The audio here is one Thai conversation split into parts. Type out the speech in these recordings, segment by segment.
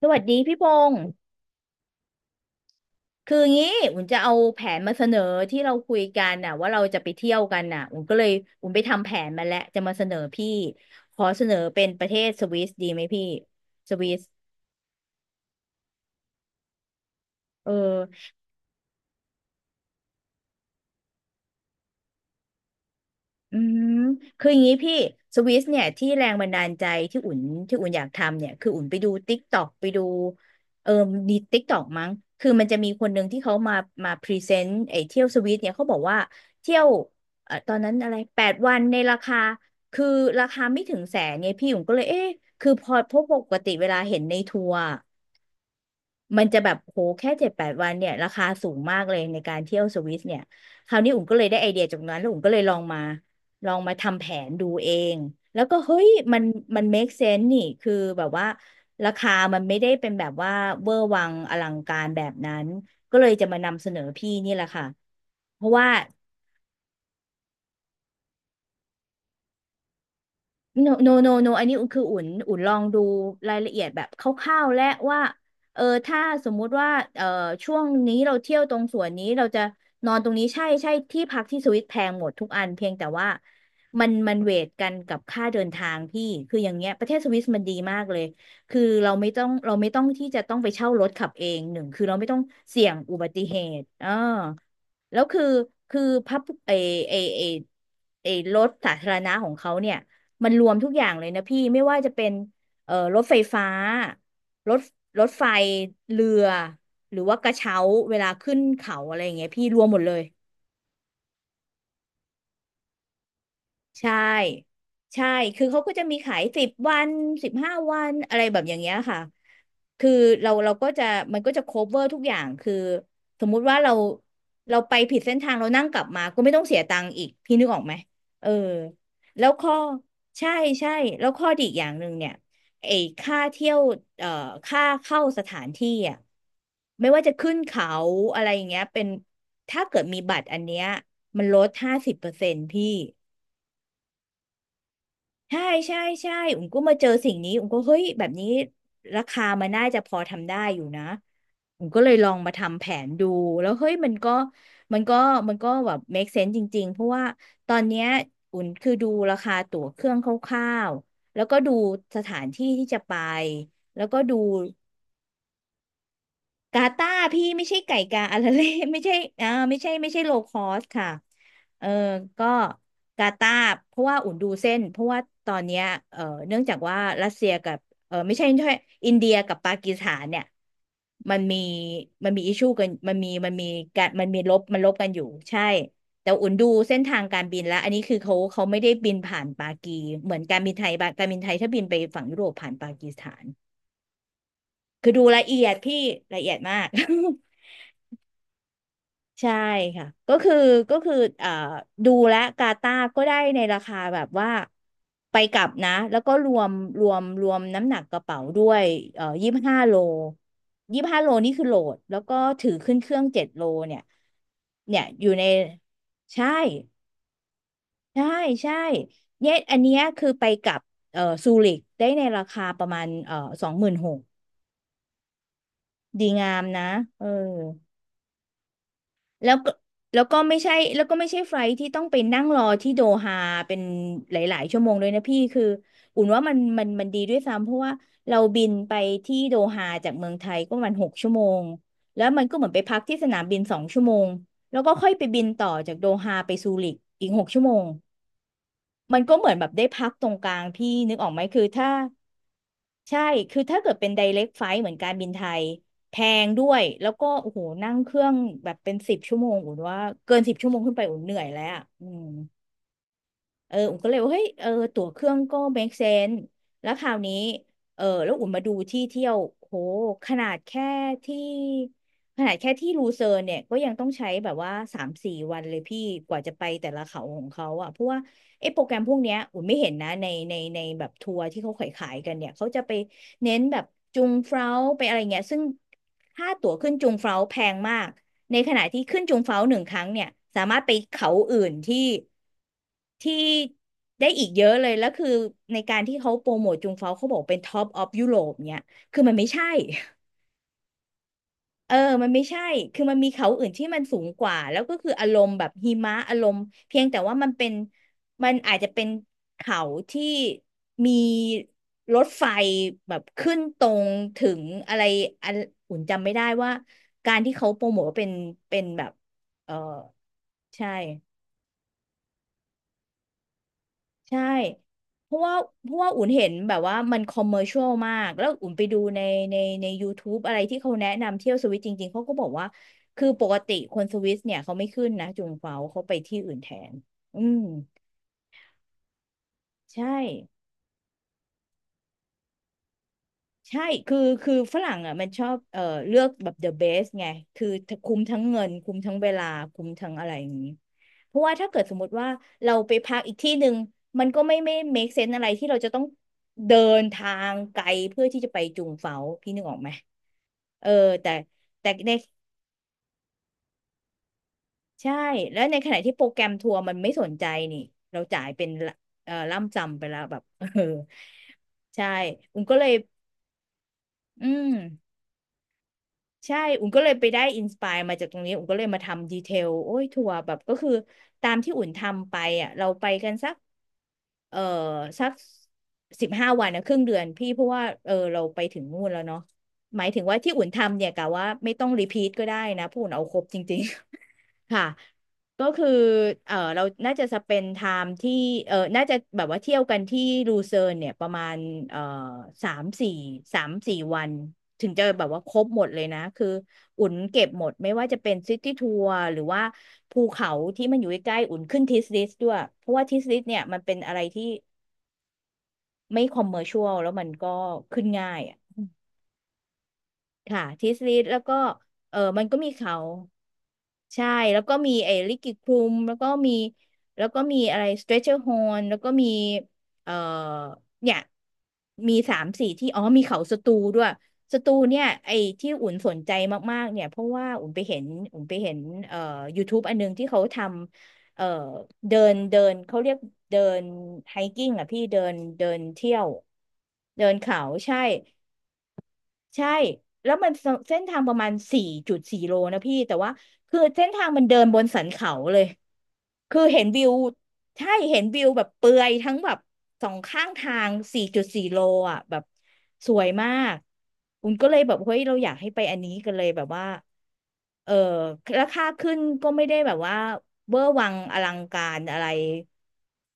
สวัสดีพี่พงศ์คืองี้อุ่นจะเอาแผนมาเสนอที่เราคุยกันน่ะว่าเราจะไปเที่ยวกันน่ะอุ่นก็เลยอุ่นไปทำแผนมาแล้วจะมาเสนอพี่ขอเสนอเป็นประเทศสวิสดีไหมพี่สวิสเออ อืมคืออย่างนี้พี่สวิสเนี่ยที่แรงบันดาลใจที่อุ่นที่อุ่นอยากทำเนี่ยคืออุ่นไปดูติ๊กตอกไปดูเออดีติ๊กตอกมั้งคือมันจะมีคนหนึ่งที่เขามาพรีเซนต์ไอ้เที่ยวสวิสเนี่ยเขาบอกว่าเที่ยวตอนนั้นอะไรแปดวันในราคาคือราคาไม่ถึงแสนเนี่ยพี่อุ่นก็เลยเอ๊ะคือพอเพราะปกติเวลาเห็นในทัวร์ มันจะแบบโหแค่7-8 วันเนี่ยราคาสูงมากเลยในการเที่ยวสวิสเนี่ยคราวนี้อุ่มก็เลยได้ไอเดียจากนั้นแล้วอุ่มก็เลยลองมาทำแผนดูเองแล้วก็เฮ้ยมัน make sense นี่คือแบบว่าราคามันไม่ได้เป็นแบบว่าเวอร์วังอลังการแบบนั้นก็เลยจะมานำเสนอพี่นี่แหละค่ะเพราะว่า no no no no อันนี้คืออุ่นลองดูรายละเอียดแบบคร่าวๆและว่าถ้าสมมุติว่าเออช่วงนี้เราเที่ยวตรงส่วนนี้เราจะนอนตรงนี้ใช่ใช่ที่พักที่สวิตแพงหมดทุกอันเพียงแต่ว่ามันเวทกันกับค่าเดินทางพี่คืออย่างเงี้ยประเทศสวิสมันดีมากเลยคือเราไม่ต้องที่จะต้องไปเช่ารถขับเองหนึ่งคือเราไม่ต้องเสี่ยงอุบัติเหตุอ่าแล้วคือคือพับเอเอเอเอรถสาธารณะของเขาเนี่ย มันรวมทุกอย่างเลยนะพี่ไม่ว่าจะเป็นรถไฟฟ้ารถรถไฟเรือหรือว่ากระเช้าเวลาขึ้นเขาอะไรอย่างเงี้ยพี่รวมหมดเลย ใช่ ใช่ คือเขาก็จะมีขาย10 วัน15 วัน อะไรแบบอย่างเงี้ยค่ะ คือเราก็จะมันก็จะ cover ทุกอย่าง คือสมมุติว่าเราเราไปผิดเส้นทางเรานั่งกลับมาก็ไม่ต้องเสียตังค์อีก พี่นึกออกไหม เออ แล้วข้อ ใช่ใช่แล้วข้อดีอีกอย่างหนึ่งเนี่ยไอ้ค่าเที่ยวเอ่อค่าเข้าสถานที่อ่ะไม่ว่าจะขึ้นเขาอะไรอย่างเงี้ยเป็นถ้าเกิดมีบัตรอันเนี้ยมันลด50%พี่ ใช่ใช่ใช่อุ๋มก็มาเจอสิ่งนี้อุ๋มก็เฮ้ยแบบนี้ราคามันน่าจะพอทำได้อยู่นะอุ๋มก็เลยลองมาทำแผนดู แล้วเฮ้ยมันก็มันก็แบบ make sense จริงๆ เพราะว่าตอนเนี้ยอุ๋มคือดูราคาตั๋วเครื่องคร่าวๆแล้วก็ดูสถานที่ที่จะไป แล้วก็ดู กาตาร์พี่ไม่ใช่ไก่กาอะไรเลย ไม่ใช่อ่าไม่ใช่ไม่ใช่โลคอสค่ะเออก็กาตาร์เพราะว่าอุ่นดูเส้นเพราะว่าตอนเนี้ยเออเนื่องจากว่ารัสเซียกับเออไม่ใช่ใช่อินเดียกับปากีสถานเนี่ยมันมีมันมีอิชชูกันมันมีการมันมีลบมันลบกันอยู่ใช่แต่อุ่นดูเส้นทางการบินแล้วอันนี้คือเขาไม่ได้บินผ่านปากีเหมือนการบินไทยบางการบินไทยถ้าบินไปฝั่งยุโรปผ่านปากีสถานคือดูละเอียดพี่ละเอียดมาก ใช่ค่ะก็คือเอ่อดูและกาตาร์ก็ได้ในราคาแบบว่าไปกลับนะแล้วก็รวมน้ำหนักกระเป๋าด้วยยี่สิบห้าโลยี่สิบห้าโลนี่คือโหลดแล้วก็ถือขึ้นเครื่อง7 โลเนี่ยอยู่ในใช่ใช่ใช่เนี่ยอันเนี้ยคือไปกลับซูริกได้ในราคาประมาณ26,000ดีงามนะเออ แล้วก็แล้วก็ไม่ใช่ไฟลท์ที่ต้องไปนั่งรอที่โดฮาเป็นหลายๆชั่วโมงเลยนะพี่คืออุ่นว่ามันดีด้วยซ้ำเพราะว่าเราบินไปที่โดฮาจากเมืองไทยก็ประมันหกชั่วโมงแล้วมันก็เหมือนไปพักที่สนามบิน2 ชั่วโมงแล้วก็ค่อยไปบินต่อจากโดฮาไปซูริกอีกหกชั่วโมงมันก็เหมือนแบบได้พักตรงกลางพี่นึกออกไหมคือถ้า ใช่คือถ้าเกิดเป็น direct flight เหมือนการบินไทยแพงด้วย แล้วก็โอ้โหนั่งเครื่องแบบเป็นสิบชั่วโมงอุ่นว่าเกินสิบชั่วโมงขึ้นไปอุ่นเหนื่อยแล้วอะอืม เอออุ่มก็เลยว่าเฮ้ยตั๋วเครื่องก็ make sense แล้วคราวนี้เออแล้วมาดูที่เที่ยวโหขนาดแค่ที่ขนาดแค่ที่ลูเซิร์นเนี่ยก็ยังต้องใช้แบบว่าสามสี่วันเลยพี่กว่าจะไปแต่ละเขาของเขาอ่ะเพราะว่าไอ้โปรแกรมพวกเนี้ยไม่เห็นนะในแบบทัวร์ที่เขาขายกันเนี่ยเขาจะไปเน้นแบบจุงเฟลาไปอะไรเงี้ยซึ่งค่าตั๋วขึ้นจุงเฟลาแพงมาก ในขณะที่ขึ้นจุงเฟ้าหนึ่งครั้งเนี่ยสามารถไปเขาอื่นที่ได้อีกเยอะเลยแล้วคือในการที่เขาโปรโมทจุงเฟ้าเขาบอกเป็นท็อปออฟยุโรปเนี่ยคือมันไม่ใช่ เออ มันไม่ใช่ คือมันมีเขาอื่นที่มันสูงกว่า แล้วก็คืออารมณ์แบบหิมะอารมณ์เพียงแต่ว่ามันเป็น มันอาจจะเป็นเขาที่มีรถไฟแบบขึ้นตรงถึงอะไรอันอุ่นจำไม่ได้ว่าการที่เขาโปรโมทว่าเป็นเป็นแบบ เออ ใช่ ใช่เพราะว่าเพราะว่าอุ่นเห็นแบบว่ามันคอมเมอร์ช l ลมาก แล้วอุ่นไปดูในใน YouTube อะไรที่เขาแนะนำเที่ยวสวิตจริงๆ เขาก็บอกว่า คือปกติคนสวิสเนี่ยเขาไม่ขึ้นนะจุงเฟาเขาไปที่อื่นแทนอืมใช่ ใช่คือฝรั่งอ่ะมันชอบเลือกแบบ the best ไง คือคุ้มทั้งเงิน คุ้มทั้งเวลา คุ้มทั้งอะไรอย่างนี้ เพราะว่าถ้าเกิดสมมติว่าเราไปพักอีกที่หนึ่งมันก็ไม่ make sense อะไรที่เราจะต้องเดินทางไกลเพื่อที่จะไปจุงเฝาพี่นึกออกไหม เออ แต่แต่ในใช่ แล้วในขณะที่โปรแกรมทัวร์มันไม่สนใจนี่เราจ่ายเป็นละล่ำจำไปแล้วแบบ เออใช่อุ้มก็เลยอืม ใช่ อุ่นก็เลยไปได้อินสปายมาจากตรงนี้ อุ่นก็เลยมาทำดีเทลโอ้ยทัวร์แบบก็คือตามที่อุ่นทำไปอ่ะเราไปกันสักเออสัก15 วันนะครึ่งเดือนพี่เพราะว่าเออเราไปถึงนู่นแล้วเนาะหมายถึงว่าที่อุ่นทำเนี่ยกะว่าไม่ต้องรีพีทก็ได้นะเพราะอุ่นเอาครบจริง ค่ะก็คือเออเราน่าจะสเปนไทม์ที่เออน่าจะแบบว่าเที่ยวกันที่ลูเซิร์นเนี่ยประมาณเออสามสี่สามสี่วันถึงจะแบบว่าครบหมดเลยนะคืออุ่นเก็บหมดไม่ว่าจะเป็นซิตี้ทัวร์หรือว่าภูเขาที่มันอยู่ใกล้ๆอุ่นขึ้นทิสลิสด้วยเพราะว่าทิสลิสเนี่ยมันเป็นอะไรที่ไม่คอมเมอร์ชวลแล้วมันก็ขึ้นง่ายอ่ะ ค่ะทิสลิสแล้วก็เออมันก็มีเขาใช่แล้วก็มีไอ้ลิกิคลุมแล้วก็มีอะไรสเตร c เชอร์ฮอนแล้วก็มีเอ่อเนี่ยมีสามสี่ที่อ๋อมีเขาสตูด้วยสตูเนี่ยไอ้ที่อุ่นสนใจมากๆเนี่ยเพราะว่าอุ่นไปเห็นเอ่อ YouTube อันนึงที่เขาทำเดินเดินเขาเรียกเดินไฮกิ้งอ่ะพี่เดินเดินเที่ยวเดินเขาใช่ ใช่แล้วมันเส้นทางประมาณสี่จุดสี่โลนะพี่แต่ว่าคือเส้นทางมันเดินบนสันเขาเลย คือเห็นวิวใช่เห็นวิวแบบเปลือยทั้งแบบสองข้างทางสี่จุดสี่โลอ่ะแบบสวยมากคุณก็เลยแบบเฮ้ยเราอยากให้ไปอันนี้กันเลยแบบว่าเออราคาขึ้นก็ไม่ได้แบบว่าเวอร์วังอลังการอะไร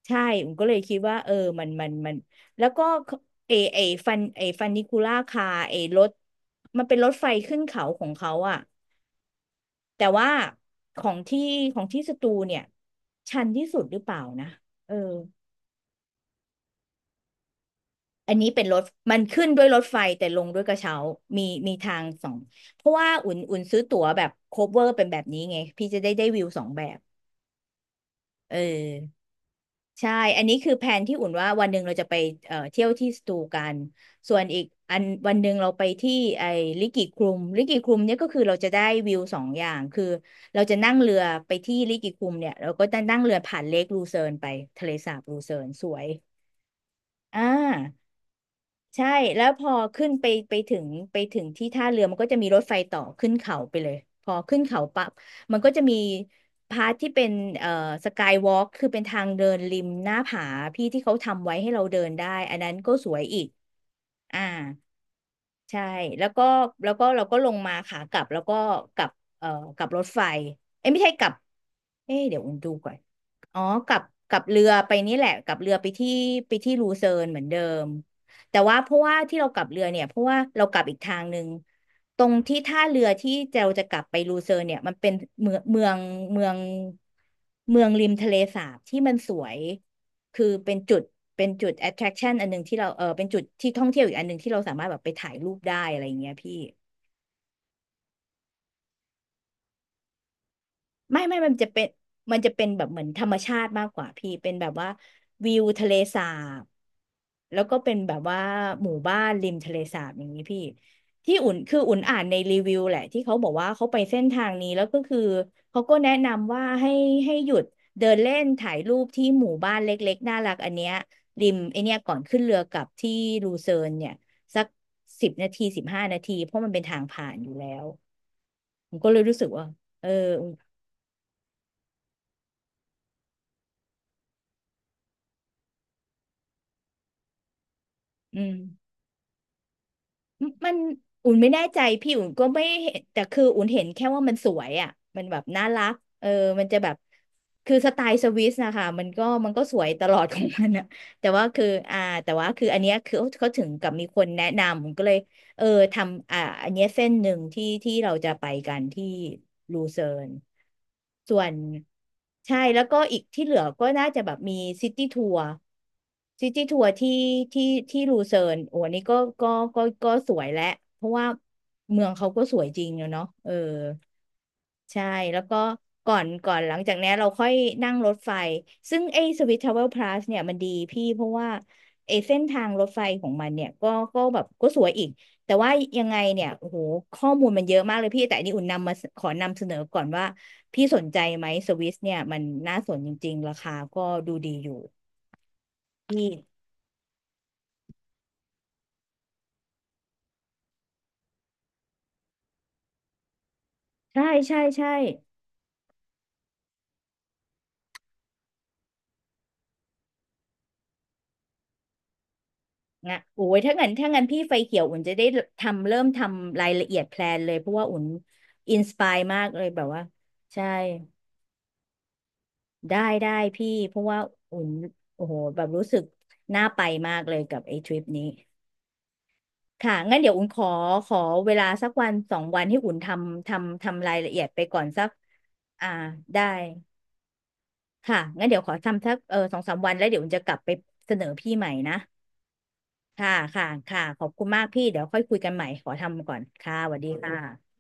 ใช่ผมก็เลยคิดว่าเออมัน แล้วก็เอเอฟันนิคูล่าคาเอรถมันเป็นรถไฟขึ้นเขาของเขาอะแต่ว่าของที่ของที่สตูเนี่ยชันที่สุดหรือเปล่านะเอออันนี้เป็นรถมันขึ้นด้วยรถไฟแต่ลงด้วยกระเช้ามีทางสองเพราะว่าอุ่นซื้อตั๋วแบบโคเวอร์เป็นแบบนี้ไงพี่จะได้วิวสองแบบเออ ใช่อันนี้คือแผนที่อุ่นว่าวันหนึ่งเราจะไปเที่ยวที่สตูกันส่วนอีกอันวันหนึ่งเราไปที่ไอ้ลิกิคลุมลิกิคลุมเนี่ยก็คือเราจะได้วิวสองอย่างคือเราจะนั่งเรือไปที่ลิกิคลุมเนี่ยเราก็จะนั่งเรือผ่านเลคลูเซิร์นไปทะเลสาบลูเซิร์นสวยอ่า ใช่แล้วพอขึ้นไปไปถึงที่ท่าเรือมันก็จะมีรถไฟต่อขึ้นเขาไปเลยพอขึ้นเขาปั๊บมันก็จะมีพาร์ทที่เป็นเอ่อสกายวอล์กคือเป็นทางเดินริมหน้าผาพี่ที่เขาทำไว้ให้เราเดินได้อันนั้นก็สวยอีกอ่า ใช่แล้วก็แล้วก็เราก็ลงมาขากลับแล้วก็กลับเอ่อกลับรถไฟเอ้ยไม่ใช่กลับเอ้ยเดี๋ยวอุ่นดูก่อนอ๋อกลับกลับเรือไปนี่แหละกลับเรือไปที่ไปที่ลูเซิร์นเหมือนเดิมแต่ว่าเพราะว่าที่เรากลับเรือเนี่ยเพราะว่าเรากลับอีกทางหนึ่งตรงที่ท่าเรือที่เราจะกลับไปลูเซิร์นเนี่ยมันเป็นเมืองเมืองเมืองเมืองริมทะเลสาบที่มันสวย คือเป็นจุดเป็นจุด attraction อันหนึ่งที่เราเป็นจุดที่ท่องเที่ยวอีกอันหนึ่งที่เราสามารถแบบไปถ่ายรูปได้อะไรอย่างเงี้ยพี่ ไม่ไม่มันจะเป็นแบบเหมือนธรรมชาติมากกว่าพี่เป็นแบบว่าวิวทะเลสาบแล้วก็เป็นแบบว่าหมู่บ้านริมทะเลสาบอย่างนี้พี่ที่อุ่นคืออุ่นอ่านในรีวิวแหละที่เขาบอกว่าเขาไปเส้นทางนี้แล้วก็คือเขาก็แนะนำว่าให้หยุดเดินเล่นถ่ายรูปที่หมู่บ้านเล็กๆน่ารักอันเนี้ยริมไอเนี้ยก่อนขึ้นเรือกลับที่ลูเซิร์นเนี่ยสัก10 นาที15 นาทีเพราะมันเป็นทางผ่านอยู่แล้วผมก็เลยรู้สึกว่าเอออืม มันอุ่นไม่แน่ใจพี่อุ่นก็ไม่เห็นแต่คืออุ่นเห็นแค่ว่ามันสวยอ่ะมันแบบน่ารักเออมันจะแบบคือสไตล์สวิสนะคะมันก็สวยตลอดของมันอะแต่ว่าคืออ่าแต่ว่าคืออันเนี้ยคือเขาถึงกับมีคนแนะนำผมก็เลย เออทำอ่าอันเนี้ยเส้นหนึ่งที่เราจะไปกันที่ลูเซิร์นส่วนใช่แล้วก็อีกที่เหลือก็น่าจะแบบมีซิตี้ทัวร์ซิตี้ทัวร์ที่ที่ลูเซิร์นโอ้อันนี้ก็ก็สวยและเพราะว่าเมืองเขาก็สวยจริงอะเนาะเออ ใช่แล้วก็ก่อนหลังจากนี้นเราค่อยนั่งรถไฟซึ่งไอ้สวิสทราเวลพลัสเนี่ยมันดีพี่เพราะว่าไอ้เส้นทางรถไฟของมันเนี่ยก็แบบก็สวยอีกแต่ว่ายังไงเนี่ยโอ้โหข้อมูลมันเยอะมากเลยพี่แต่อันนี้อุ่นนำมาขอนำเสนอก่อนว่าพี่สนใจไหมสวิสเนี่ยมันน่าสนจริงๆราคาก็ดูดีอยู่พี่ใช่ใช่ใช่ อ่ะโอ้ยถ้างั้นพี่ไฟเขียวอุ่นจะได้ทำเริ่มทำรายละเอียดแพลนเลยเพราะว่าอุ่นอินสปายมากเลยแบบว่าใช่ได้ได้พี่เพราะว่าอุ่นโอ้โหแบบรู้สึกน่าไปมากเลยกับไอ้ทริปนี้ค่ะงั้นเดี๋ยวอุ่นขอเวลาสักวัน2 วันให้อุ่นทำรายละเอียดไปก่อนสักอ่าได้ค่ะงั้นเดี๋ยวขอทำสักเออ2-3 วันแล้วเดี๋ยวอุ่นจะกลับไปเสนอพี่ใหม่นะ ค่ะค่ะค่ะขอบคุณมากพี่เดี๋ยวค่อยคุยกันใหม่ ขอทำก่อน ค่ะสวัสดีค่ะ